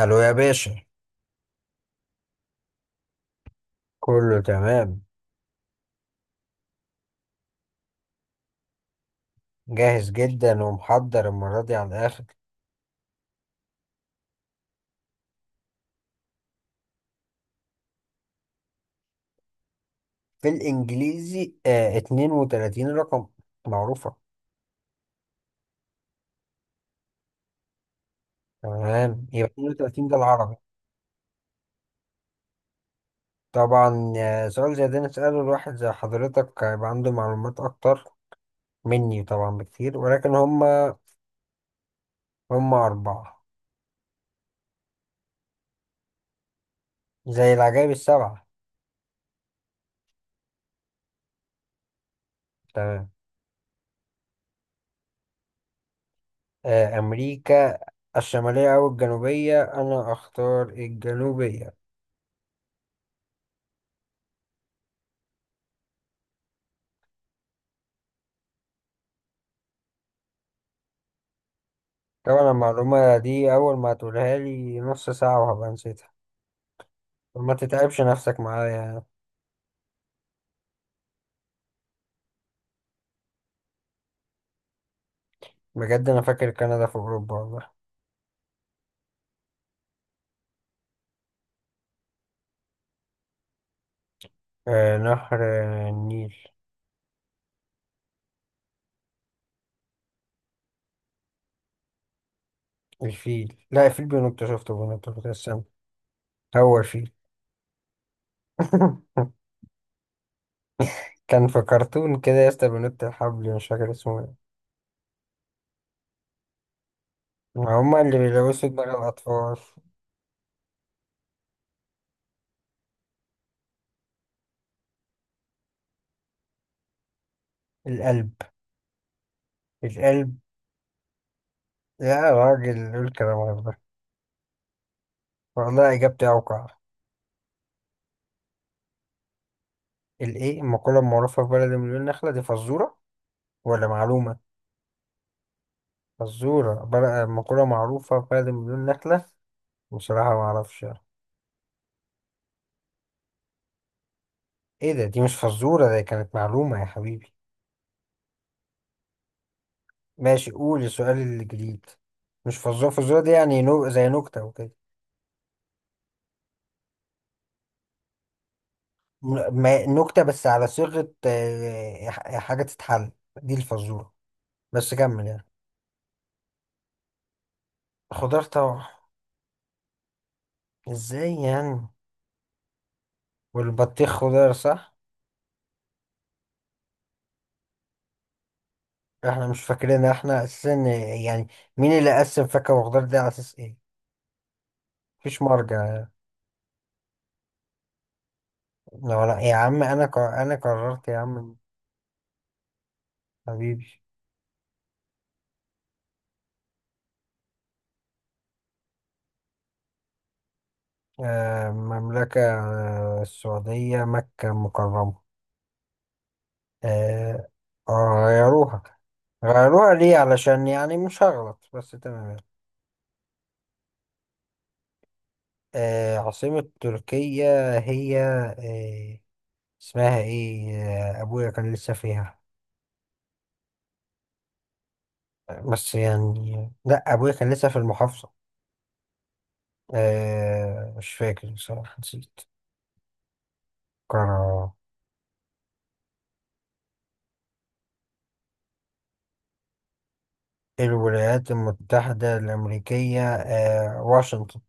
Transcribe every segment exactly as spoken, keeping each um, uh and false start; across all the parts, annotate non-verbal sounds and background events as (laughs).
الو يا باشا. كله تمام. جاهز جدا ومحضر المرة دي على الآخر. في الإنجليزي آه اتنين وتلاتين رقم معروفة. تمام، يبقى اتنين وتلاتين ده العربي. طبعا، آه، سؤال زي ده نسأله لواحد زي حضرتك هيبقى عنده معلومات أكتر مني طبعا بكتير، ولكن هم هم أربعة، زي العجائب السبعة. تمام. آه، أمريكا الشمالية أو الجنوبية، أنا أختار الجنوبية. طبعا المعلومة دي أول ما تقولها لي نص ساعة وهبقى نسيتها. ما تتعبش نفسك معايا يعني. بجد أنا فاكر كندا في أوروبا والله. آه نهر، آه، النيل. الفيل، لا الفيل بينط، شفته بينط في السما. هو الفيل. (laughs) كان في كرتون كده يا اسطى بينط الحبل، مش فاكر اسمه ايه. هما اللي بيلبسوا دماغ الأطفال. القلب. القلب. يا راجل قول كلام غير ده. والله إجابتي أوقع. الإيه، المقولة المعروفة في بلد مليون نخلة دي فزورة ولا معلومة؟ فزورة بقى مقولة معروفة فاقد مليون نخلة. بصراحة ما أعرفش يعني. إيه ده، دي مش فزورة، دي كانت معلومة يا حبيبي. ماشي قول السؤال الجديد. مش فزورة، فزورة دي يعني نو... زي نكتة وكده. م- ما- نكتة بس على صيغة آه، ح- حاجة تتحل، دي الفزورة. بس كمل يعني. خضار طبعا. إزاي يعني؟ والبطيخ خضار صح؟ احنا مش فاكرين، احنا اساسا يعني مين اللي قسم فاكهة وخضار دي؟ على اساس ايه؟ مفيش مرجع. لو لا يا عم، انا قر- انا قررت يا عم. حبيبي. آه، مملكة آه، السعودية مكة المكرمة. آه، آه، غيروها. غيروها ليه؟ علشان يعني مش هغلط بس، تمام يعني. آه، عاصمة تركيا هي آه، اسمها ايه؟ آه، ابويا كان لسه فيها. بس يعني لا، ابويا كان لسه في المحافظة. آه، مش فاكر بصراحة، نسيت. قرار. الولايات المتحدة الأمريكية، آه، واشنطن.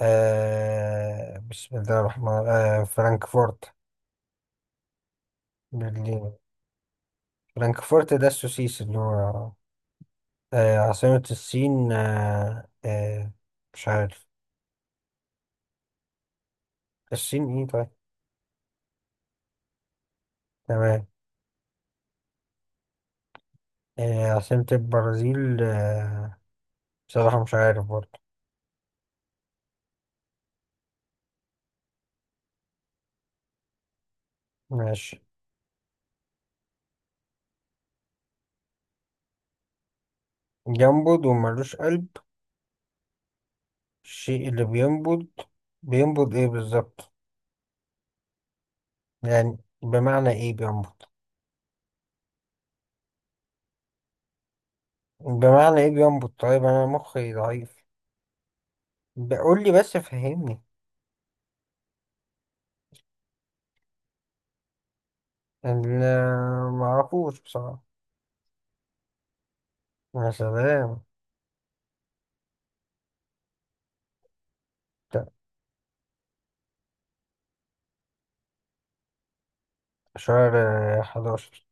آه، بسم الله الرحمن، آه، فرانكفورت. برلين. فرانكفورت ده السوسيس اللي هو. آه، عاصمة الصين، آه، آه، مش عارف. الصين ايه طيب. تمام. آه، عاصمة البرازيل، آه، بصراحة مش عارف برضه. ماشي. ينبض وملوش قلب؟ الشيء اللي بينبض، بينبض ايه بالظبط؟ يعني بمعنى ايه بينبض؟ بمعنى ايه جامبو؟ طيب انا مخي ضعيف، بقول لي بس فهمني. انا ما اعرفوش بصراحه. يا سلام. ده شهر حداشر.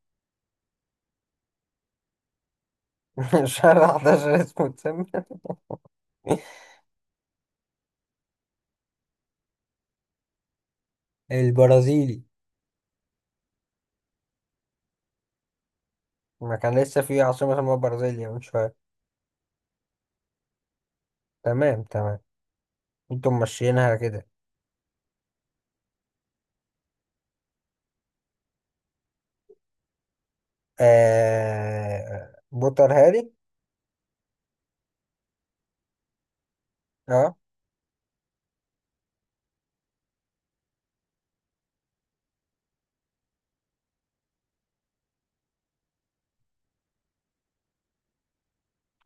(laughs) شهر حداشر اسمه اتسمى. البرازيلي. ما كان لسه في عاصمه اسمها برازيليا من شويه. تمام تمام. انتم ماشيينها كده. آه... بوتر هاري. اه.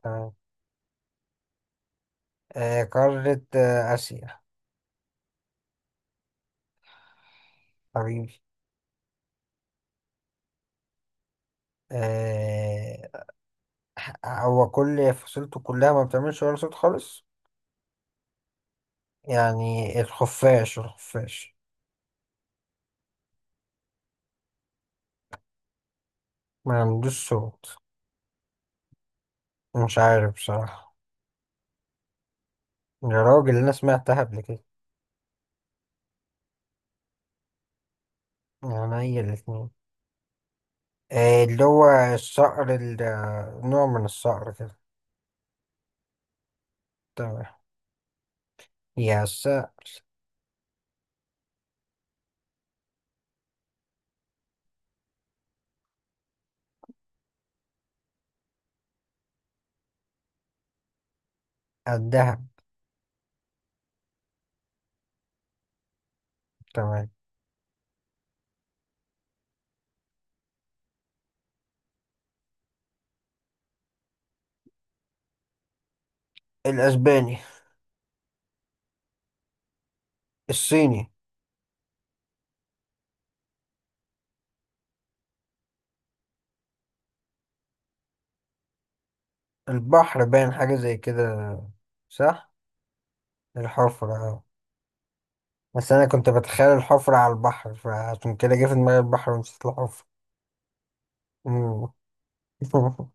تمام. آه... قاره، آه، اسيا. حبيبي. آه... هو كل فصيلته كلها ما بتعملش ولا صوت خالص. يعني الخفاش، الخفاش ما عندوش صوت، مش عارف بصراحة. يا راجل أنا سمعتها قبل كده. يعني هي الاتنين. آه، اللي هو الصقر، ال- آه، نوع من الصقر كده. تمام. يا الصقر. الدهب. تمام. الأسباني. الصيني. البحر، باين حاجة زي كده صح. الحفرة، اه. بس أنا كنت بتخيل الحفرة على البحر، فعشان كده جه في دماغي البحر ونسيت الحفرة. مم. (laughs)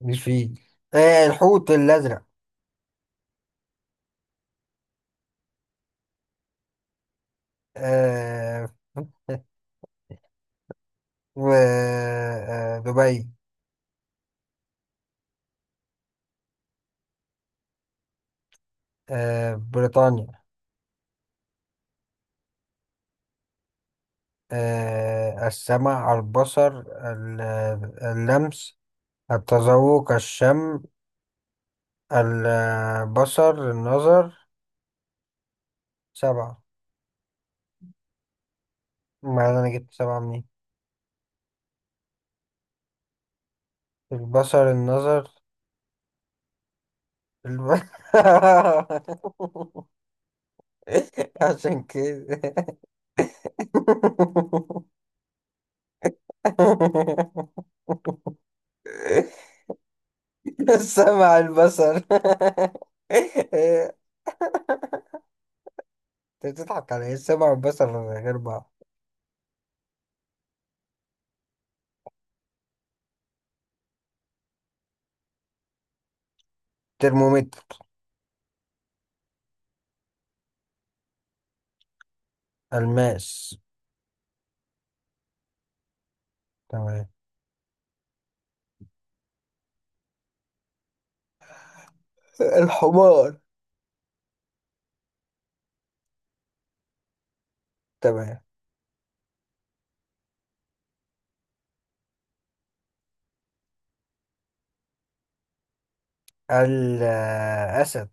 مش فيه. آه الحوت الأزرق. آه. (laughs) و آه دبي. آه بريطانيا. آه السمع، البصر، ال- اللمس، التذوق، الشم، البصر، النظر. سبعة. ما أنا جبت سبعة منين. البصر، النظر. الب... (laughs) عشان كده. (laughs) (laughs) السمع، البصر. (laughs) انت بتضحك على ايه؟ السمع والبصر غير بعض. ترمومتر. الماس. تمام. الحمار. تمام. الأسد.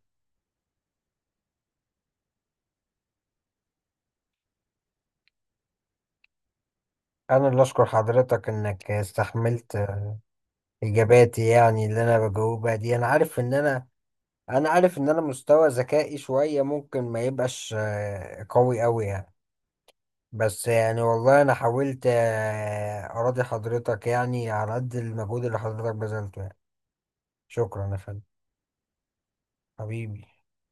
أنا اللي أشكر حضرتك إنك استحملت إجاباتي. يعني اللي أنا بجاوبها دي، أنا عارف إن أنا، أنا عارف إن أنا مستوى ذكائي شوية ممكن ما يبقاش آه، قوي أوي يعني. بس يعني والله انا حاولت آه، اراضي حضرتك يعني على قد المجهود اللي حضرتك بذلته يعني. شكرا يا فندم. حبيبي.